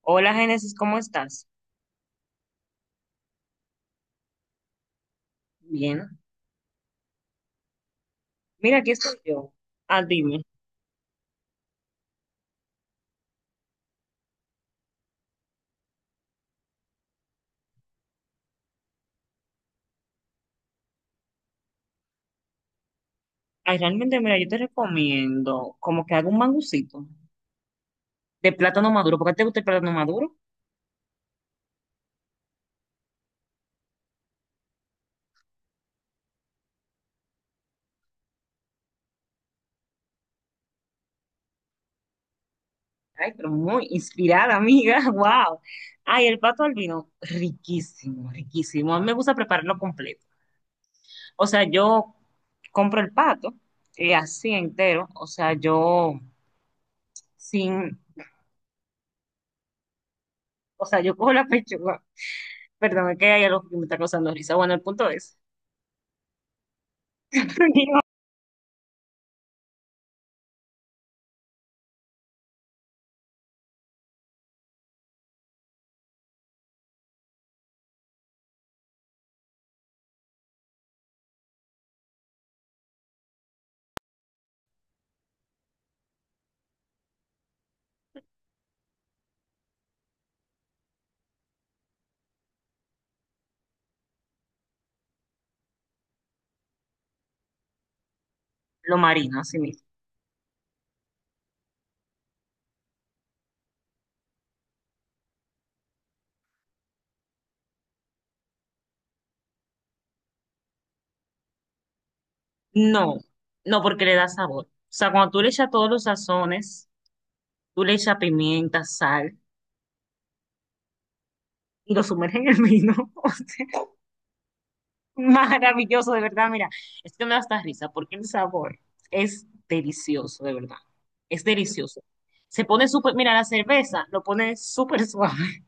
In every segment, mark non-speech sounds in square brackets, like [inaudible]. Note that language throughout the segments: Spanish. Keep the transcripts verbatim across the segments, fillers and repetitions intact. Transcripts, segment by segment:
Hola, Génesis, ¿cómo estás? Bien. Mira, aquí estoy yo. Ah, dime. Ay, realmente, mira, yo te recomiendo como que haga un mangucito de plátano maduro. ¿Por qué te gusta el plátano maduro? Ay, pero muy inspirada, amiga. [laughs] Wow. Ay, el pato al vino, riquísimo, riquísimo. A mí me gusta prepararlo completo. O sea, yo compro el pato y así entero. O sea, yo sin, o sea, yo cojo la pechuga. Perdón, es que hay algo que me está causando risa. Bueno, el punto es lo marino, así mismo. No, no, porque le da sabor. O sea, cuando tú le echas todos los sazones, tú le echas pimienta, sal y lo sumerges en el vino. [laughs] O sea, maravilloso, de verdad. Mira, es que me da hasta risa porque el sabor es delicioso, de verdad. Es delicioso. Se pone súper, mira, la cerveza lo pone súper [laughs] suave.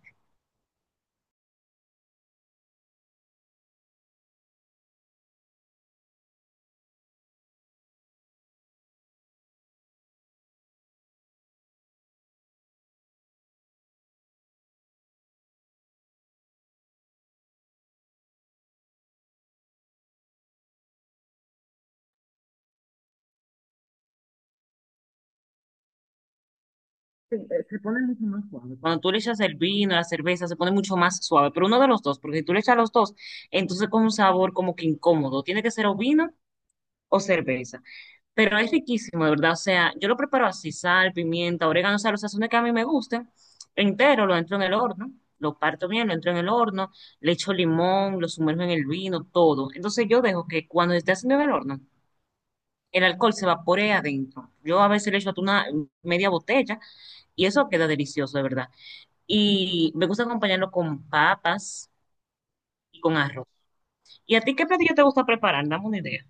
Se, se pone mucho más suave. Cuando tú le echas el vino, la cerveza, se pone mucho más suave. Pero uno de los dos, porque si tú le echas los dos, entonces con un sabor como que incómodo. Tiene que ser o vino o cerveza. Pero es riquísimo, de verdad. O sea, yo lo preparo así, sal, pimienta, orégano, o sea, los sazones que a mí me gusten, entero, lo entro en el horno, lo parto bien, lo entro en el horno, le echo limón, lo sumerjo en el vino, todo. Entonces yo dejo que cuando esté haciendo en el horno, el alcohol se vapore adentro. Yo a veces le echo hasta una media botella y eso queda delicioso, de verdad. Y me gusta acompañarlo con papas y con arroz. ¿Y a ti qué platillo te gusta preparar? Dame una idea.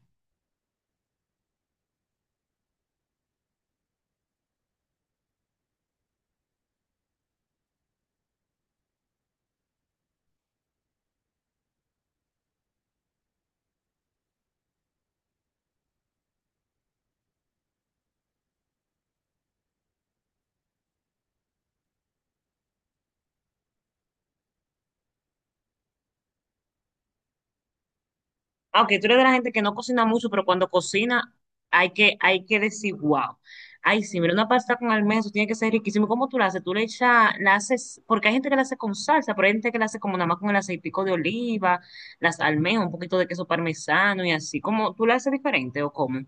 Aunque tú eres de la gente que no cocina mucho, pero cuando cocina hay que, hay que decir, wow. Ay, sí, mira, una pasta con almendras tiene que ser riquísimo. ¿Cómo tú la haces? Tú le echas, la haces, porque hay gente que la hace con salsa, pero hay gente que la hace como nada más con el aceitico de oliva, las almejas, un poquito de queso parmesano y así. ¿Cómo tú la haces diferente o cómo?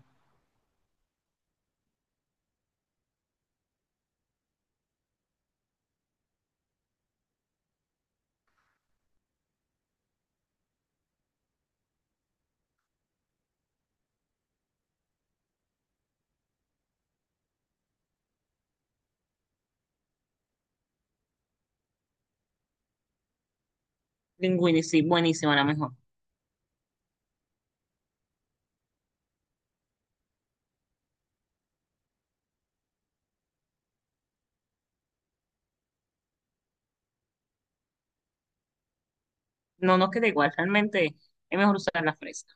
Linguini, sí, buenísima, la mejor. No, no queda igual, realmente es mejor usar la fresca.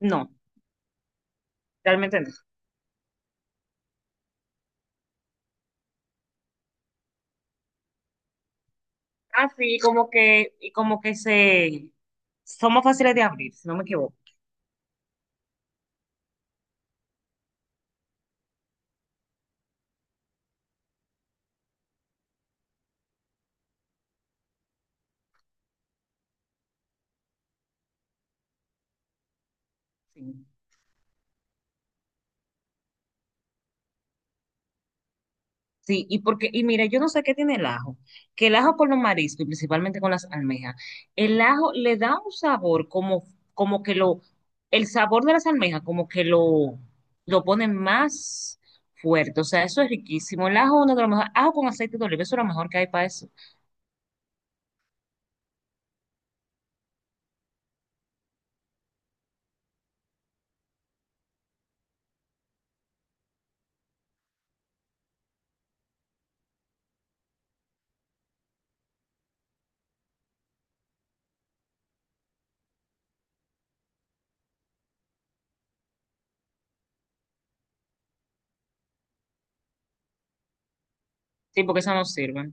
No, realmente no. Así como que, y como que se, son más fáciles de abrir, si no me equivoco. Sí. Sí, y porque, y mira, yo no sé qué tiene el ajo, que el ajo con los mariscos y principalmente con las almejas, el ajo le da un sabor como, como que lo, el sabor de las almejas como que lo, lo pone más fuerte, o sea, eso es riquísimo. El ajo, uno de los mejores, ajo con aceite de oliva, eso es lo mejor que hay para eso. Sí, porque eso no sirve.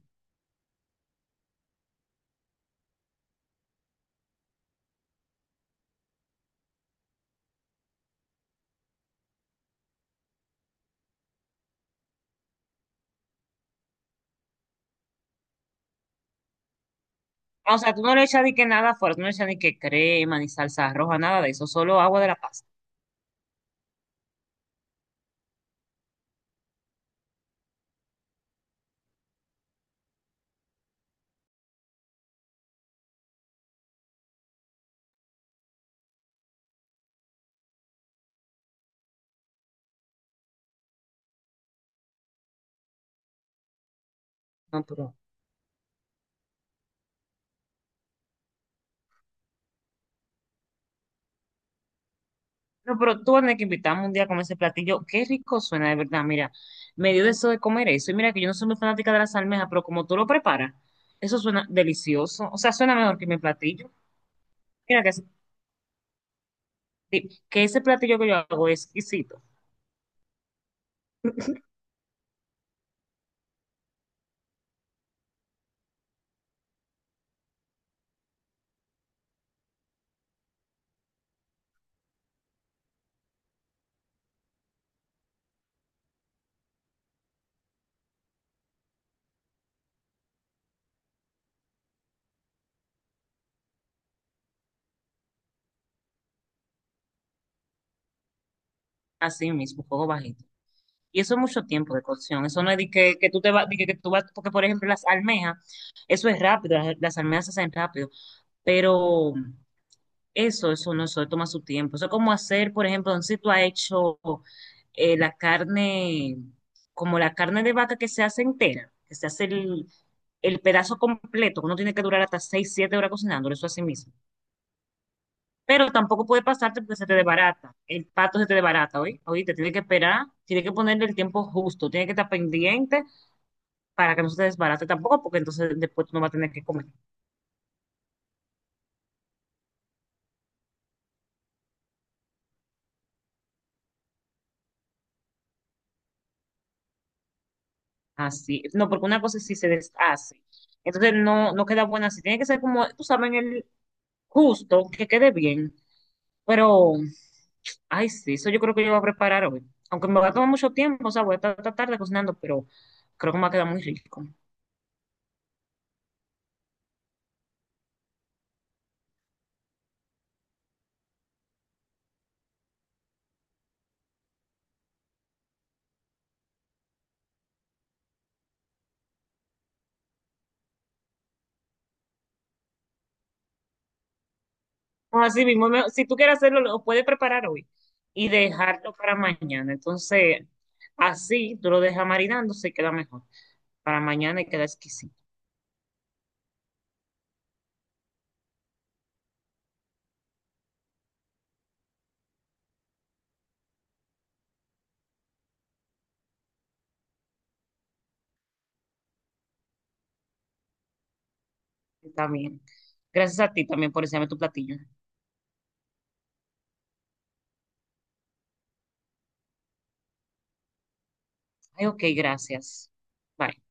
O sea, tú no le echas ni que nada fuerte, no le echas ni que crema, ni salsa roja, nada de eso, solo agua de la pasta. No, pero No, pero tú vas a tener que invitarme un día a comer ese platillo. Qué rico suena, de verdad. Mira, me dio deseo de comer eso. Y mira que yo no soy muy fanática de las almejas, pero como tú lo preparas, eso suena delicioso. O sea, suena mejor que mi platillo. Mira que, ese- que ese platillo que yo hago es exquisito. Así mismo, fuego bajito. Y eso es mucho tiempo de cocción. Eso no es de que, que tú te vas, de que, que tú vas, porque por ejemplo las almejas, eso es rápido, las, las almejas se hacen rápido. Pero Eso, eso no, eso toma su tiempo. Eso es como hacer, por ejemplo, no sé si tú has hecho, eh, la carne, como la carne de vaca que se hace entera, que se hace el, el pedazo completo, uno tiene que durar hasta seis siete horas cocinándolo, eso así mismo. Pero tampoco puede pasarte porque se te desbarata, el pato se te desbarata, hoy oíste, tiene que esperar, tiene que ponerle el tiempo justo, tiene que estar pendiente para que no se te desbarate tampoco, porque entonces después tú no vas a tener que comer así, es. No, porque una cosa sí se deshace. Entonces no, no queda buena así. Tiene que ser como, tú sabes, en el justo, que quede bien. Pero, ay, sí, eso yo creo que yo voy a preparar hoy. Aunque me va a tomar mucho tiempo, o sea, voy a estar esta tarde cocinando, pero creo que me va a quedar muy rico. No, así mismo, me- si tú quieres hacerlo, lo puedes preparar hoy y dejarlo para mañana. Entonces, así tú lo dejas marinando, se queda mejor. Para mañana y queda exquisito. Está bien. Gracias a ti también por enseñarme tu platillo. Ay, ok, gracias. Bye.